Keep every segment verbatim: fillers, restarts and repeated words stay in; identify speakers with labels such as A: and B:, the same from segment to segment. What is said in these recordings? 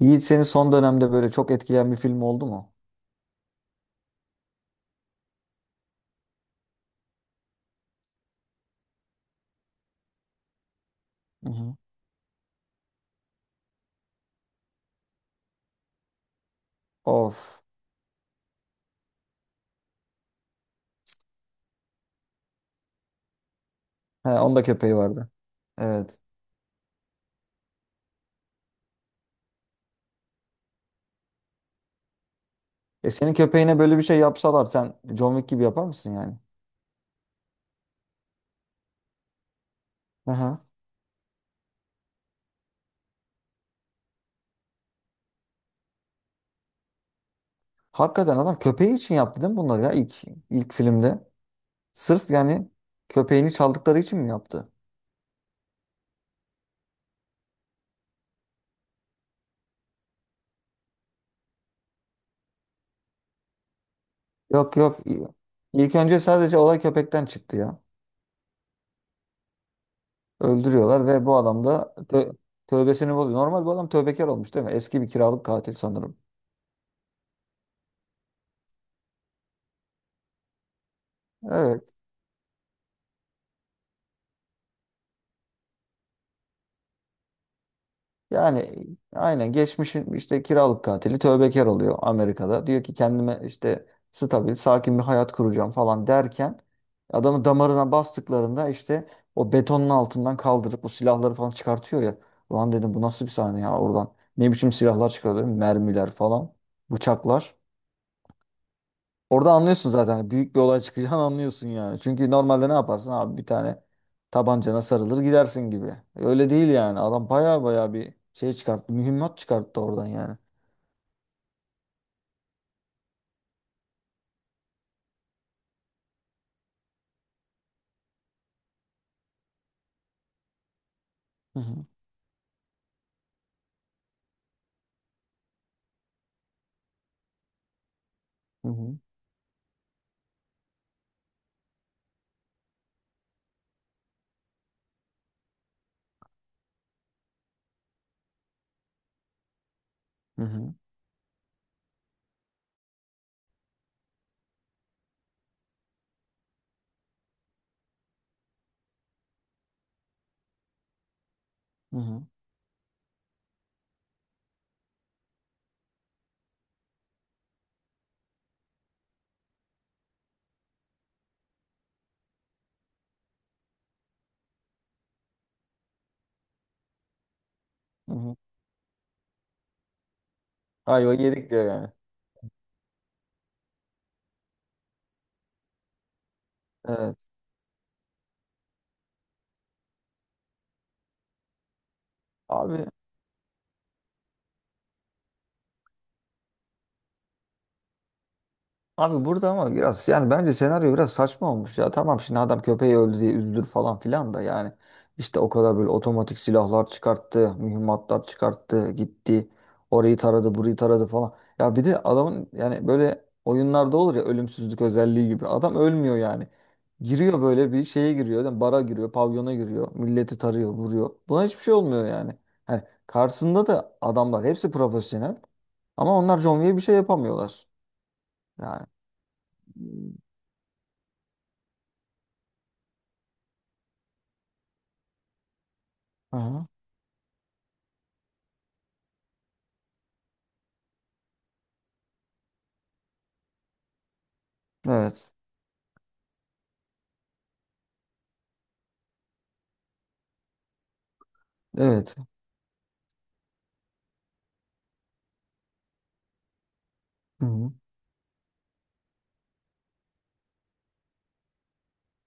A: Yiğit seni son dönemde böyle çok etkileyen bir film oldu mu? Hı hı. Of. He, onda köpeği vardı. Evet. E senin köpeğine böyle bir şey yapsalar sen John Wick gibi yapar mısın yani? Aha. Hakikaten adam köpeği için yaptı değil mi bunları ya ilk ilk filmde? Sırf yani köpeğini çaldıkları için mi yaptı? Yok yok. İlk önce sadece olay köpekten çıktı ya. Öldürüyorlar ve bu adam da tö- tövbesini bozuyor. Normal bu adam tövbekar olmuş değil mi? Eski bir kiralık katil sanırım. Evet. Yani aynen geçmişin işte kiralık katili tövbekar oluyor Amerika'da. Diyor ki kendime işte stabil, sakin bir hayat kuracağım falan derken adamı damarına bastıklarında işte o betonun altından kaldırıp bu silahları falan çıkartıyor ya. Ulan dedim bu nasıl bir sahne ya oradan. Ne biçim silahlar çıkarıyor, mermiler falan, bıçaklar. Orada anlıyorsun zaten. hani Büyük bir olay çıkacağını anlıyorsun yani. Çünkü normalde ne yaparsın abi, bir tane tabancana sarılır gidersin gibi. Öyle değil yani. Adam baya baya bir şey çıkarttı. Mühimmat çıkarttı oradan yani. Hı hı. Hı hı. Hı hı. Hı hı. hı hı. Ayva yedik diyor yani. Evet. Abi Abi burada ama biraz yani bence senaryo biraz saçma olmuş ya. Tamam şimdi adam köpeği öldü diye üzülür falan filan da yani işte o kadar böyle otomatik silahlar çıkarttı, mühimmatlar çıkarttı, gitti. Orayı taradı, burayı taradı falan. Ya bir de adamın yani böyle oyunlarda olur ya ölümsüzlük özelliği gibi. Adam ölmüyor yani. Giriyor, böyle bir şeye giriyor, yani bara giriyor, pavyona giriyor, milleti tarıyor, vuruyor. Buna hiçbir şey olmuyor yani. Hani karşısında da adamlar hepsi profesyonel ama onlar John Wick'e bir şey yapamıyorlar. Yani. Aha. Evet. Evet. Hı hı.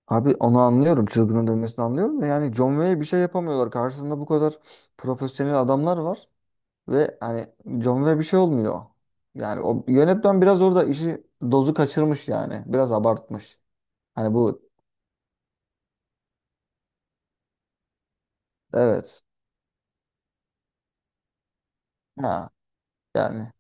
A: Abi onu anlıyorum. Çılgının dönmesini anlıyorum da yani John Wayne bir şey yapamıyorlar. Karşısında bu kadar profesyonel adamlar var ve hani John Wayne bir şey olmuyor. Yani o yönetmen biraz orada işi dozu kaçırmış yani. Biraz abartmış. Hani bu, evet. Ha yani,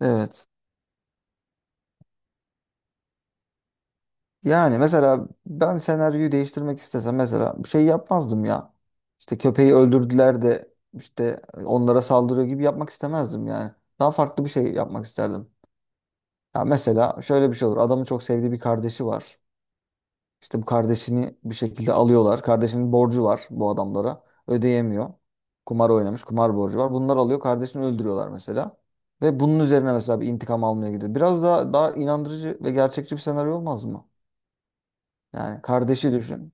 A: evet. Yani mesela ben senaryoyu değiştirmek istesem mesela bir şey yapmazdım ya. İşte köpeği öldürdüler de işte onlara saldırıyor gibi yapmak istemezdim yani. Daha farklı bir şey yapmak isterdim. Ya mesela şöyle bir şey olur. Adamın çok sevdiği bir kardeşi var. İşte bu kardeşini bir şekilde alıyorlar. Kardeşinin borcu var bu adamlara. Ödeyemiyor. Kumar oynamış. Kumar borcu var. Bunlar alıyor. Kardeşini öldürüyorlar mesela. Ve bunun üzerine mesela bir intikam almaya gidiyor. Biraz daha daha inandırıcı ve gerçekçi bir senaryo olmaz mı? Yani kardeşi düşün.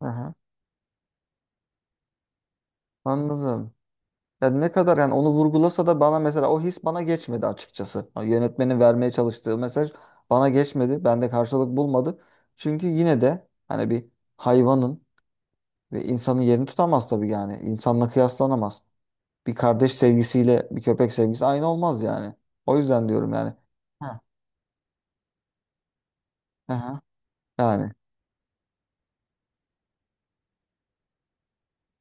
A: Aha, anladım. Ya ne kadar yani onu vurgulasa da bana mesela o his bana geçmedi açıkçası. Ha, Yönetmenin vermeye çalıştığı mesaj bana geçmedi. Bende karşılık bulmadı. Çünkü yine de hani bir hayvanın ve insanın yerini tutamaz tabii yani. İnsanla kıyaslanamaz. Bir kardeş sevgisiyle bir köpek sevgisi aynı olmaz yani. O yüzden diyorum yani. Ha, aha, yani.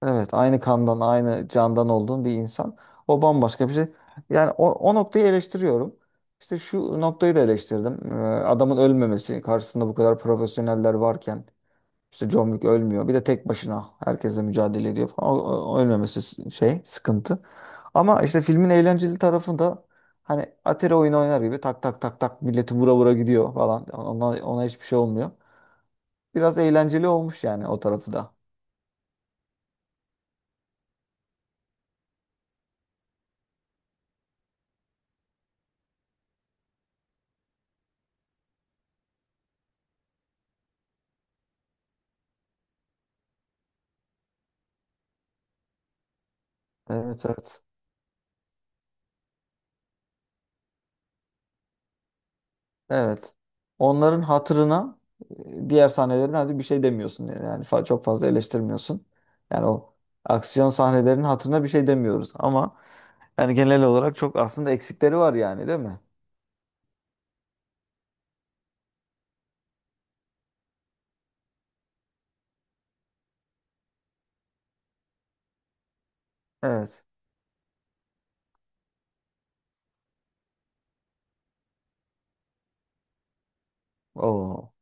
A: Evet, aynı kandan, aynı candan olduğun bir insan. O bambaşka bir şey. Yani o, o noktayı eleştiriyorum. İşte şu noktayı da eleştirdim. Ee, adamın ölmemesi, karşısında bu kadar profesyoneller varken işte John Wick ölmüyor. Bir de tek başına herkesle mücadele ediyor falan. O, o- o ölmemesi s- şey, sıkıntı. Ama işte filmin eğlenceli tarafında hani Atari oyunu oynar gibi tak tak tak tak milleti vura vura gidiyor falan. Ona, ona hiçbir şey olmuyor. Biraz eğlenceli olmuş yani o tarafı da. Evet evet. Evet. Onların hatırına, e, diğer sahnelerden hadi bir şey demiyorsun. Yani fa- çok fazla eleştirmiyorsun. Yani o aksiyon sahnelerinin hatırına bir şey demiyoruz ama yani genel olarak çok aslında eksikleri var yani, değil mi? Evet. Oo,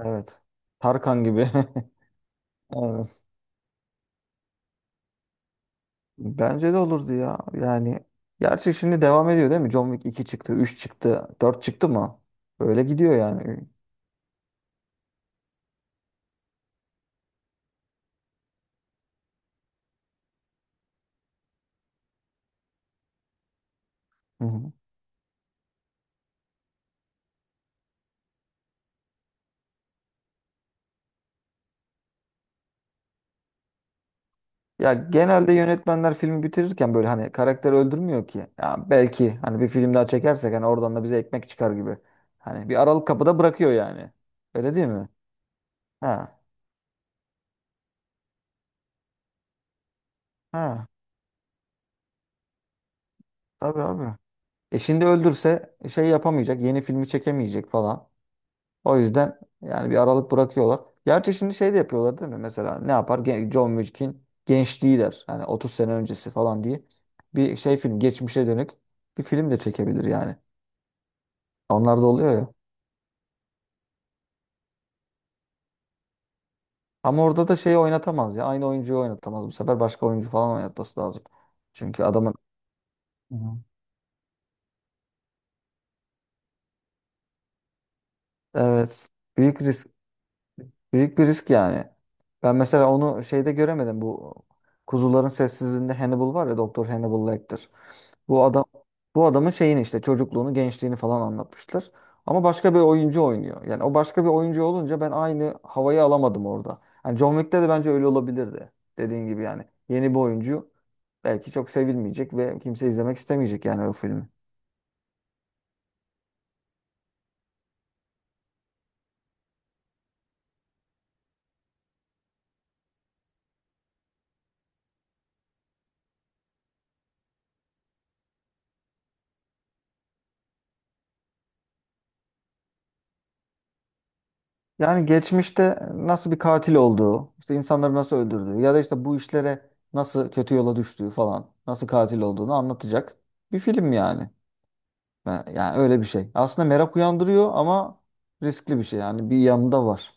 A: evet. Tarkan gibi. Evet. Bence de olurdu ya. Yani gerçi şimdi devam ediyor, değil mi? John Wick iki çıktı, üç çıktı, dört çıktı mı? Böyle gidiyor yani. Hı hı. Ya genelde yönetmenler filmi bitirirken böyle hani karakter öldürmüyor ki. Ya belki hani bir film daha çekersek hani oradan da bize ekmek çıkar gibi. Hani bir aralık kapıda bırakıyor yani. Öyle değil mi? Ha. Ha. Tabii abi. E şimdi öldürse şey yapamayacak, yeni filmi çekemeyecek falan. O yüzden yani bir aralık bırakıyorlar. Gerçi şimdi şey de yapıyorlar, değil mi? Mesela ne yapar? Gen- John Wick'in gençliği der. Hani otuz sene öncesi falan diye. Bir şey, film geçmişe dönük bir film de çekebilir yani. Onlar da oluyor ya. Ama orada da şeyi oynatamaz ya. Aynı oyuncuyu oynatamaz. Bu sefer başka oyuncu falan oynatması lazım. Çünkü adamın, hı. evet büyük risk. Büyük bir risk yani. Ben mesela onu şeyde göremedim. Bu Kuzuların Sessizliğinde Hannibal var ya, Doktor Hannibal Lecter. Bu adam bu adamın şeyini, işte çocukluğunu, gençliğini falan anlatmışlar. Ama başka bir oyuncu oynuyor. Yani o başka bir oyuncu olunca ben aynı havayı alamadım orada. Yani John Wick'te de bence öyle olabilirdi. Dediğin gibi yani yeni bir oyuncu belki çok sevilmeyecek ve kimse izlemek istemeyecek yani o filmi. Yani geçmişte nasıl bir katil olduğu, işte insanları nasıl öldürdüğü ya da işte bu işlere nasıl kötü yola düştüğü falan, nasıl katil olduğunu anlatacak bir film yani. Ben- Yani öyle bir şey. Aslında merak uyandırıyor ama riskli bir şey yani, bir yanında var.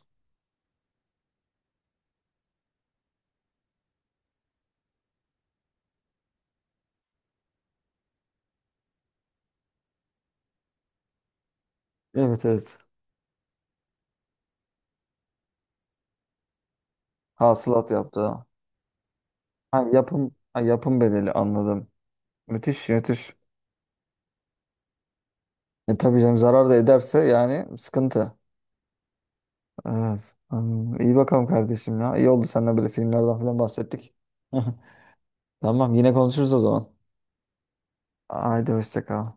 A: Evet evet. Hasılat yaptı. Ha, yapım ha, yapım bedeli, anladım. Müthiş, müthiş. E tabii canım, zarar da ederse yani sıkıntı. Evet. Hmm, iyi bakalım kardeşim ya. İyi oldu seninle böyle filmlerden falan bahsettik. Tamam, yine konuşuruz o zaman. Haydi hoşça kal.